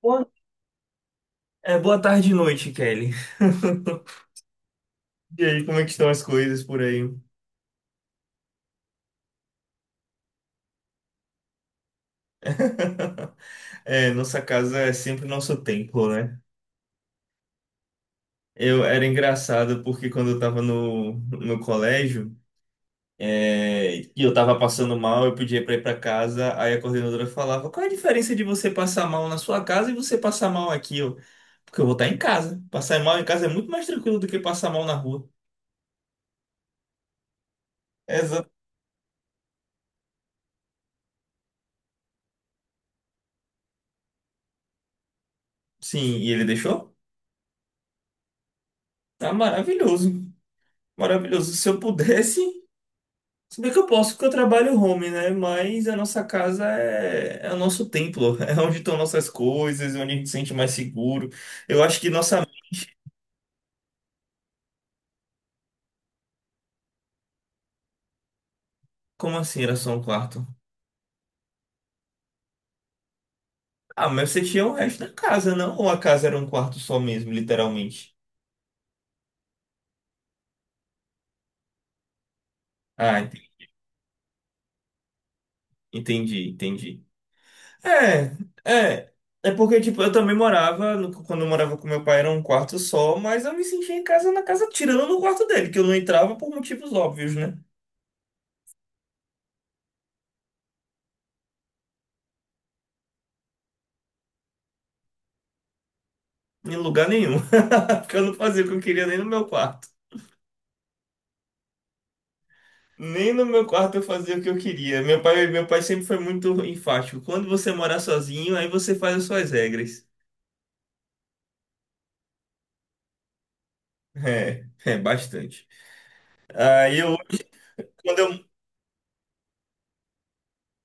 Boa, boa tarde e noite, Kelly. E aí, como é que estão as coisas por aí? É, nossa casa é sempre nosso templo, né? Eu era engraçado porque quando eu tava no colégio e eu tava passando mal, eu pedia pra ir pra casa, aí a coordenadora falava: Qual é a diferença de você passar mal na sua casa e você passar mal aqui? Porque eu vou estar em casa. Passar mal em casa é muito mais tranquilo do que passar mal na rua. Exato. Sim, e ele deixou? Tá maravilhoso. Maravilhoso. Se eu pudesse. Se bem que eu posso, porque eu trabalho home, né? Mas a nossa casa é o nosso templo, é onde estão nossas coisas, é onde a gente se sente mais seguro. Eu acho que nossa. Como assim era só um quarto? Ah, mas você tinha o resto da casa, não? Ou a casa era um quarto só mesmo, literalmente? Ah, ent- Entendi, entendi. É, é. É porque, tipo, eu também morava, quando eu morava com meu pai era um quarto só, mas eu me sentia em casa na casa, tirando no quarto dele, que eu não entrava por motivos óbvios, né? Em lugar nenhum. Porque eu não fazia o que eu queria nem no meu quarto. Nem no meu quarto eu fazia o que eu queria. Meu pai sempre foi muito enfático. Quando você morar sozinho, aí você faz as suas regras. É, é bastante. Aí eu, quando eu.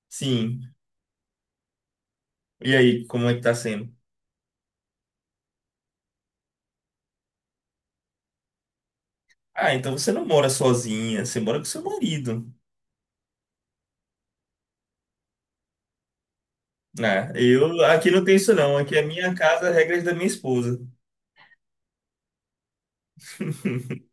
Sim. E aí, como é que tá sendo? Ah, então você não mora sozinha, você mora com seu marido. Ah, eu aqui não tem isso não. Aqui é minha casa, regras da minha esposa.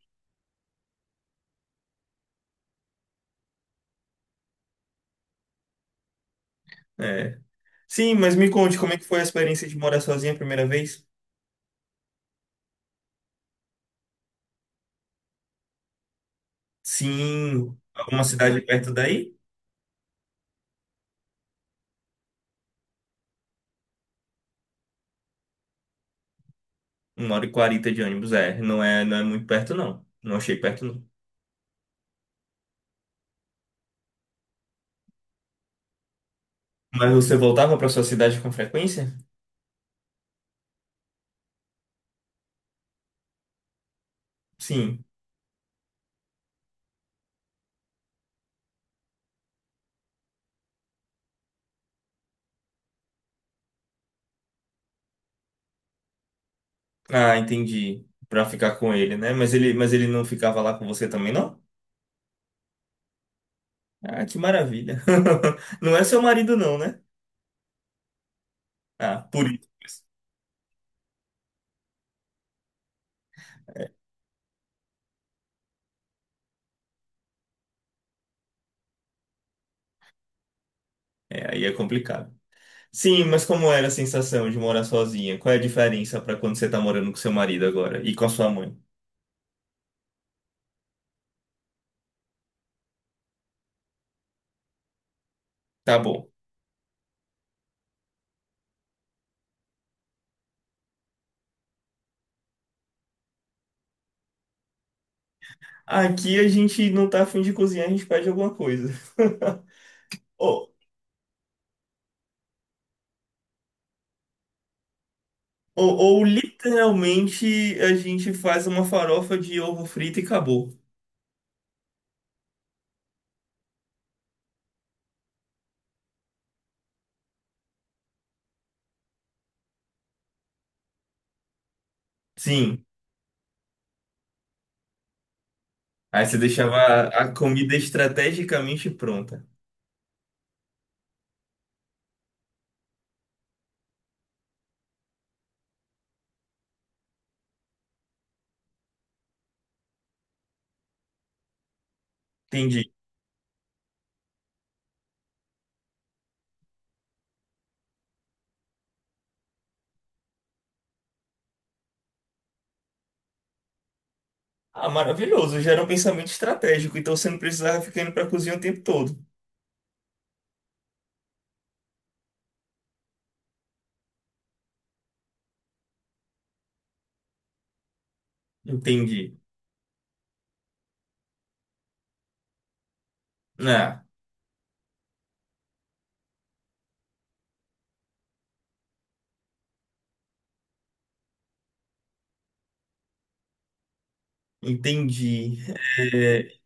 É. Sim, mas me conte como é que foi a experiência de morar sozinha a primeira vez? Sim, alguma cidade perto daí? Uma hora e quarenta de ônibus, é. Não é muito perto, não. Não achei perto, não. Mas você voltava para sua cidade com frequência? Sim. Ah, entendi. Para ficar com ele, né? Mas ele não ficava lá com você também, não? Ah, que maravilha. Não é seu marido, não, né? Ah, por isso. É, aí é complicado. Sim, mas como era a sensação de morar sozinha? Qual é a diferença para quando você tá morando com seu marido agora e com a sua mãe? Tá bom. Aqui a gente não tá afim de cozinhar, a gente pede alguma coisa. Ou, ou literalmente a gente faz uma farofa de ovo frito e acabou. Sim. Aí você deixava a comida estrategicamente pronta. Entendi. Ah, maravilhoso. Já era um pensamento estratégico, então você não precisava ficar indo pra cozinha o tempo todo. Entendi. Ah, entendi. É,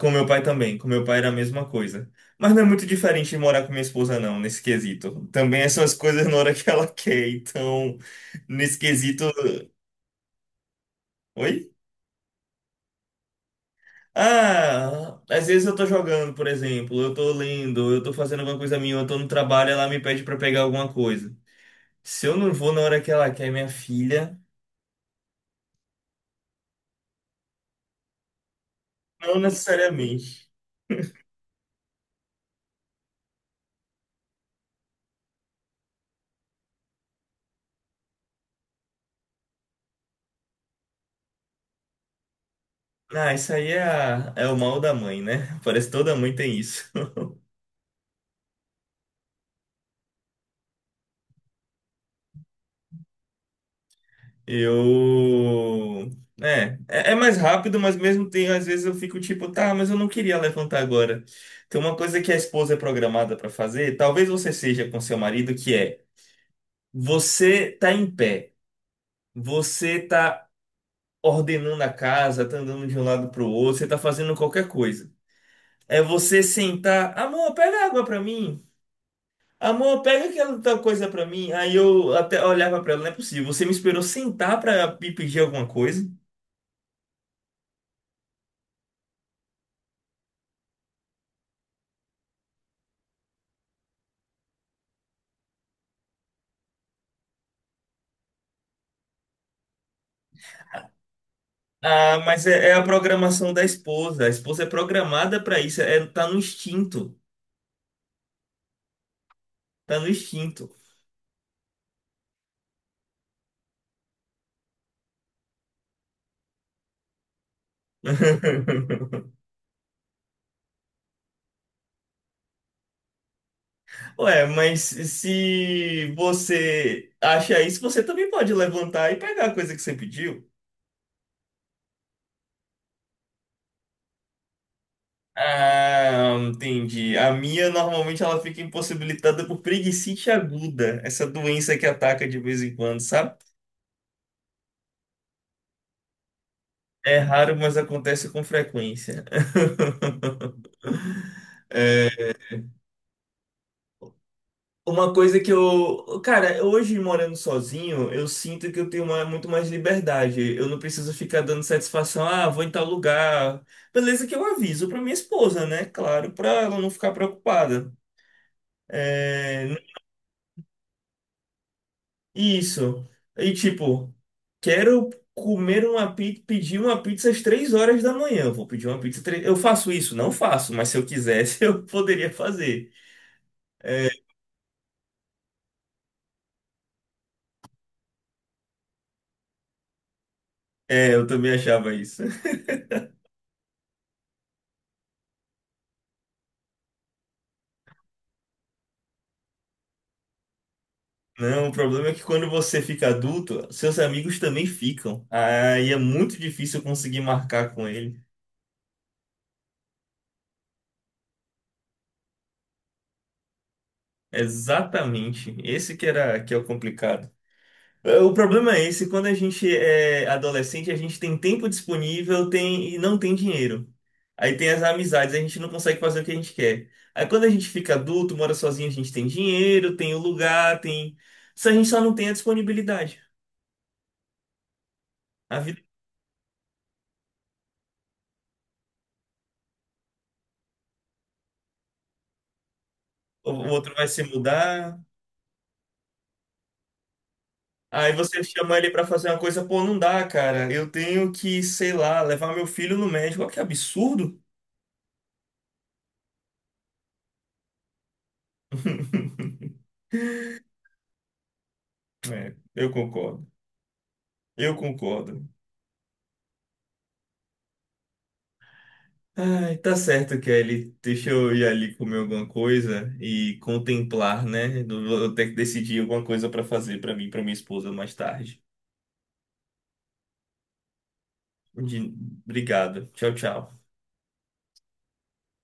Com meu pai era a mesma coisa. Mas não é muito diferente de morar com minha esposa, não, nesse quesito. Também essas coisas na hora que ela quer, então, nesse quesito. Oi? Ah, às vezes eu tô jogando, por exemplo, eu tô lendo, eu tô fazendo alguma coisa minha, eu tô no trabalho, ela me pede pra pegar alguma coisa. Se eu não vou na hora que ela quer, minha filha, não necessariamente. Ah, isso aí é, é o mal da mãe, né? Parece que toda mãe tem isso. Eu. É, é mais rápido, mas mesmo tem, às vezes eu fico tipo, tá, mas eu não queria levantar agora. Tem uma coisa que a esposa é programada pra fazer, talvez você seja com seu marido, que é você tá em pé, você tá ordenando a casa, tá andando de um lado pro outro, você tá fazendo qualquer coisa. É você sentar, amor, pega água pra mim. Amor, pega aquela tal coisa pra mim. Aí eu até olhava pra ela, não é possível. Você me esperou sentar pra me pedir alguma coisa? Ah, mas é a programação da esposa. A esposa é programada para isso. É, tá no instinto. Tá no instinto. Ué, mas se você acha isso, você também pode levantar e pegar a coisa que você pediu. Ah, entendi. A minha normalmente ela fica impossibilitada por preguicite aguda, essa doença que ataca de vez em quando, sabe? É raro, mas acontece com frequência. Uma coisa que eu, cara, hoje morando sozinho, eu sinto que eu tenho muito mais liberdade. Eu não preciso ficar dando satisfação, ah, vou em tal lugar. Beleza que eu aviso pra minha esposa, né? Claro, pra ela não ficar preocupada. É, isso. E tipo, quero comer uma pizza, pedir uma pizza às 3 horas da manhã. Eu vou pedir uma pizza Eu faço isso? Não faço, mas se eu quisesse, eu poderia fazer. É, eu também achava isso. Não, o problema é que quando você fica adulto, seus amigos também ficam. Aí é muito difícil conseguir marcar com ele. Exatamente. Esse que é o complicado. É, o problema é esse, quando a gente é adolescente, a gente tem tempo disponível, tem e não tem dinheiro. Aí tem as amizades, a gente não consegue fazer o que a gente quer. Aí quando a gente fica adulto, mora sozinho, a gente tem dinheiro, tem o lugar, tem. Se a gente só não tem a disponibilidade. A vida, o outro vai se mudar. Aí você chama ele pra fazer uma coisa, pô, não dá, cara. Eu tenho que, sei lá, levar meu filho no médico. Olha que absurdo. É, eu concordo. Eu concordo. Ai, tá certo, Kelly. Deixa eu ir ali comer alguma coisa e contemplar, né? Eu vou ter que decidir alguma coisa pra fazer pra mim, e pra minha esposa mais tarde. De- Obrigado. Tchau, tchau.